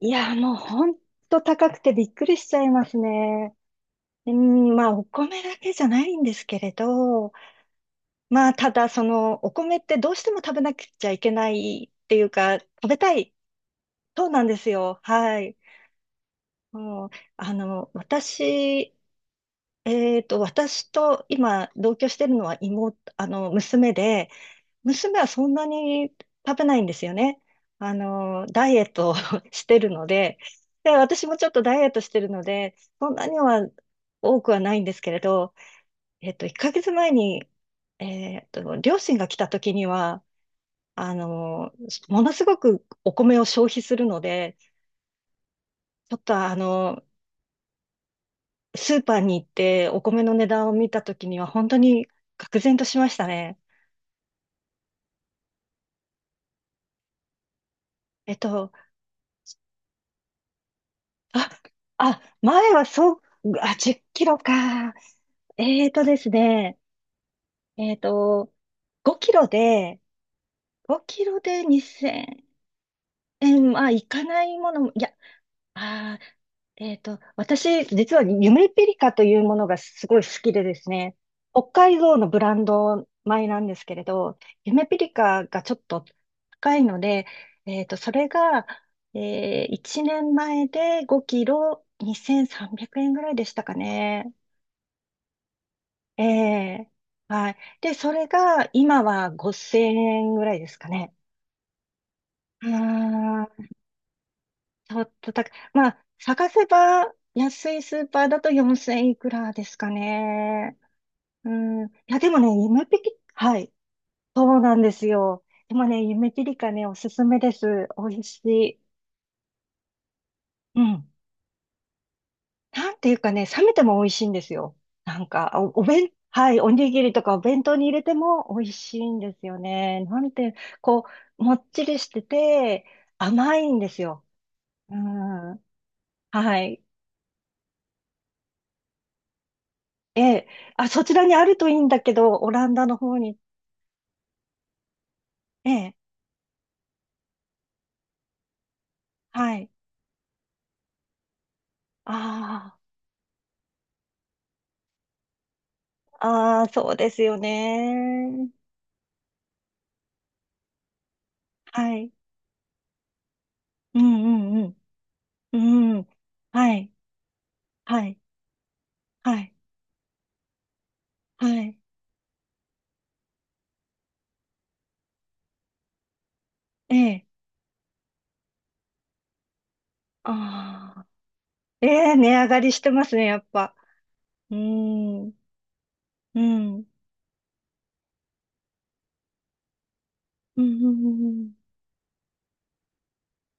いや、もうほんと高くてびっくりしちゃいますね。うん、まあ、お米だけじゃないんですけれど、まあ、ただ、お米ってどうしても食べなくちゃいけないっていうか、食べたい。そうなんですよ。はい。もう、あの、私、私と今、同居してるのは妹、娘で、娘はそんなに食べないんですよね。ダイエットを してるので、で、私もちょっとダイエットしてるので、そんなには多くはないんですけれど、1ヶ月前に、両親が来た時には、あの、ものすごくお米を消費するので、ちょっとスーパーに行ってお米の値段を見た時には本当に愕然としましたね。えっと、あ、あ、前はそう、あ、10キロか。えーとですね、えーと、5キロで、5キロで2000円、まあ、いかないものも、いや、あ私、実は夢ピリカというものがすごい好きでですね、北海道のブランド米なんですけれど、夢ピリカがちょっと高いので、それが、1年前で5キロ2300円ぐらいでしたかね。ええ、はい。で、それが今は5000円ぐらいですかね。うーん、ちょっと高い。まあ、探せば安いスーパーだと4000いくらですかね。うん。いや、でもね、夢ぴり、はい。そうなんですよ。でもね、夢ぴりかね、おすすめです。美味しい。うん。なんていうかね、冷めても美味しいんですよ。なんか、お、お弁、はい、おにぎりとかお弁当に入れても美味しいんですよね。なんて、こう、もっちりしてて、甘いんですよ。うん。はい。ええ。あ、そちらにあるといいんだけど、オランダの方に。ええ。はい。ああ、ああ、そうですよね。はい。うんうんうん。うん。はい。はい。はい。はい。ええ。ああ。ええ、値上がりしてますね、やっぱ。うーん。うん。うん。うん。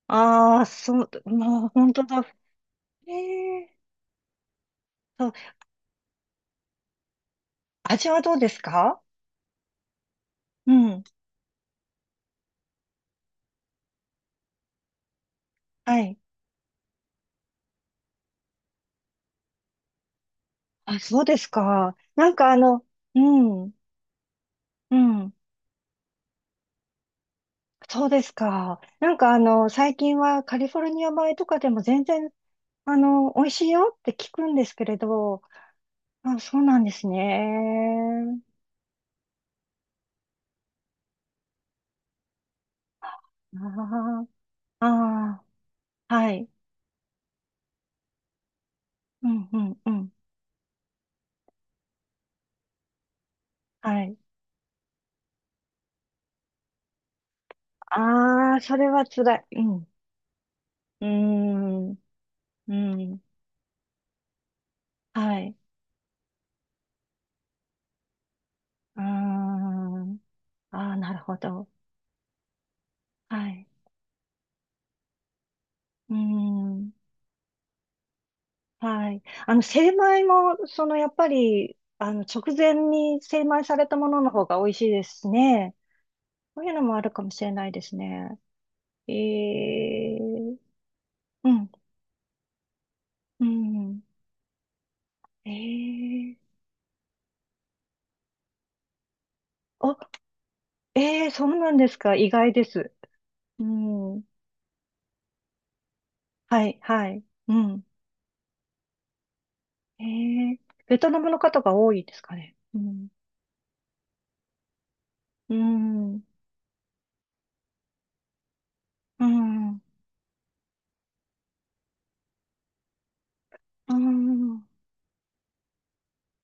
ああー、そう、もう本当だ。ええ、そう。味はどうですか？うん。はい。あ、そうですか。なんかうん。うん。そうですか。なんか最近はカリフォルニア米とかでも全然、美味しいよって聞くんですけれど、あ、そうなんですね。ああ、ああ、はい。うん、うん、うん。はい。ああ、それは辛い。うん。うーん。うん。はい。うーん。ああ、なるほど。はい。うーん。はい。精米も、やっぱり、直前に精米されたものの方が美味しいですしね。そういうのもあるかもしれないですね。ええ、うん。うん。ええ、あ、ええ、そうなんですか。意外です。うん。はい、はい。うん。ええ、ベトナムの方が多いですかね。うん。うん。うん。うん。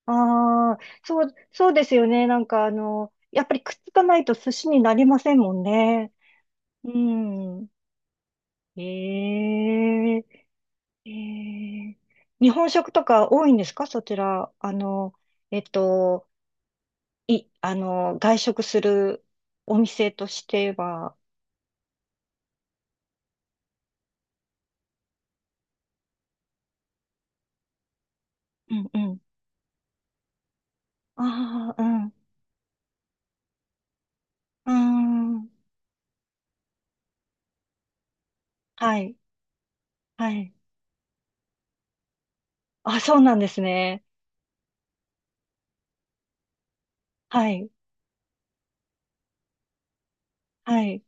ああ、そう、そうですよね。なんかやっぱりくっつかないと寿司になりませんもんね。うん。ええ、ええ、日本食とか多いんですかそちら。あの、えっと、い、あの、外食するお店としては。うんうん。ああ、うん。うん。はい。はい。あ、そうなんですね。はい、はい、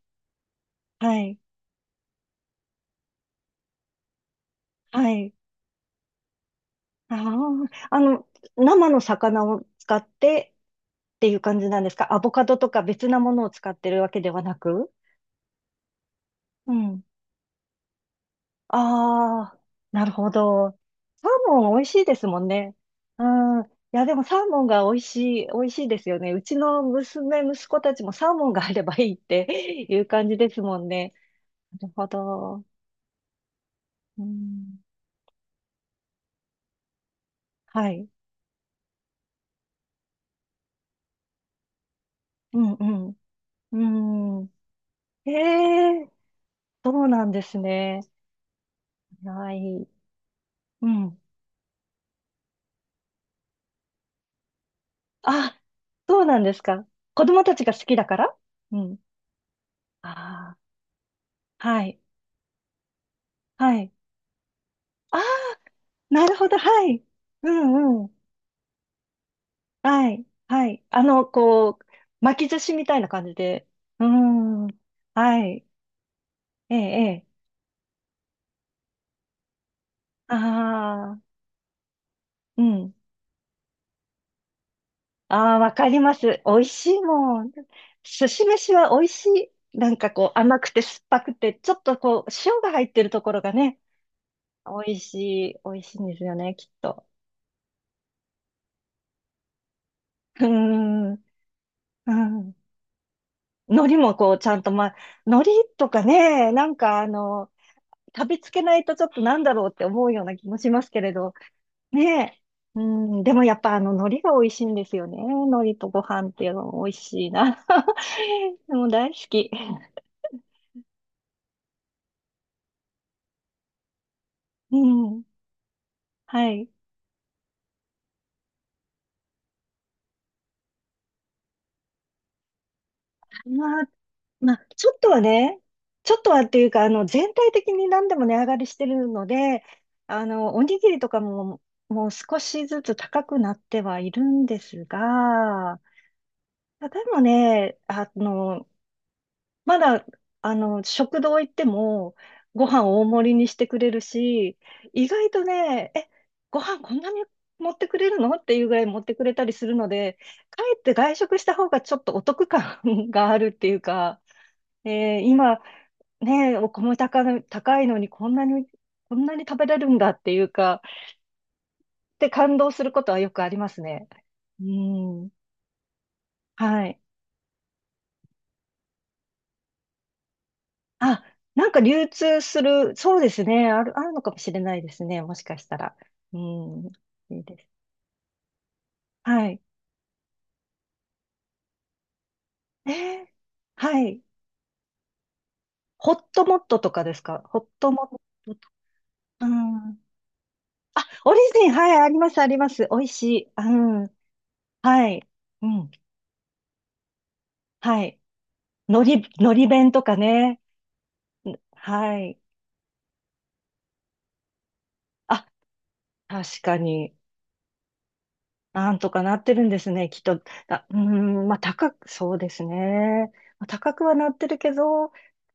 はい、はい。ああ、生の魚を使ってっていう感じなんですか？アボカドとか別なものを使ってるわけではなく。うん。ああ、なるほど。サーモン美味しいですもんね。うん。いや、でもサーモンが美味しい、美味しいですよね。うちの娘、息子たちもサーモンがあればいいっていう感じですもんね。なるほど。うん。はい。うん、うん。うん、ええ、そうなんですね。はい。うん。あ、そうなんですか。子供たちが好きだから。うん。ああ、はい。はい。ああ、なるほど。はい。うんうん。はい。はい。こう、巻き寿司みたいな感じで。うん。はい。ええ、ええ。ああ、うん。ああ、わかります。美味しいもん。寿司飯は美味しい。なんかこう甘くて酸っぱくて、ちょっとこう塩が入ってるところがね、美味しい、美味しいんですよね、きっと。うーん、うん。海苔もこうちゃんと、まあ、海苔とかね、なんか食べつけないとちょっとなんだろうって思うような気もしますけれど、ねえ。うん、でもやっぱあの海苔が美味しいんですよね。海苔とご飯っていうのも美味しいな。でも大好き。うん。はい。まあ、まあ、ちょっとはね、ちょっとはっていうか、全体的に何でも値上がりしてるので、おにぎりとかも、もう少しずつ高くなってはいるんですが、でもね、まだ、食堂行っても、ご飯大盛りにしてくれるし、意外とね、ご飯こんなに持ってくれるのっていうぐらい持ってくれたりするので、かえって外食した方がちょっとお得感 があるっていうか、今、ね、お米高い、高いのにこんなに、こんなに食べれるんだっていうか、で感動することはよくありますね。うん。はい。あ、なんか流通する、そうですね。あるのかもしれないですね。もしかしたら。うん。いいです。はい。えーはい。ホットモットとかですか？ホットモットとか？うん。あ、オリジン、はい、あります、あります。美味しい。うん。はい。うん。はい。海苔弁とかね。うん。はい。あ、確かに。なんとかなってるんですね、きっと。あ、うーん、まあ高く、そうですね。まあ、高くはなってるけど、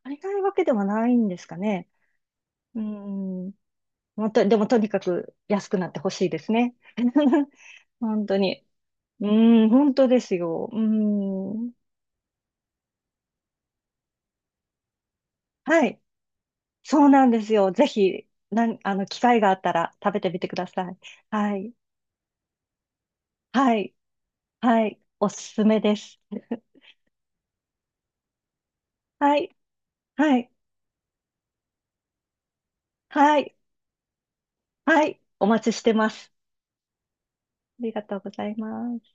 足りないわけではないんですかね。うーん。また、でもとにかく安くなってほしいですね。本当に。うーん、本当ですよ。うーん。はい。そうなんですよ。ぜひ、なん、あの、機会があったら食べてみてください。はい。はい。はい。おすすめです。はい。はい。はい。はい。お待ちしてます。りがとうございます。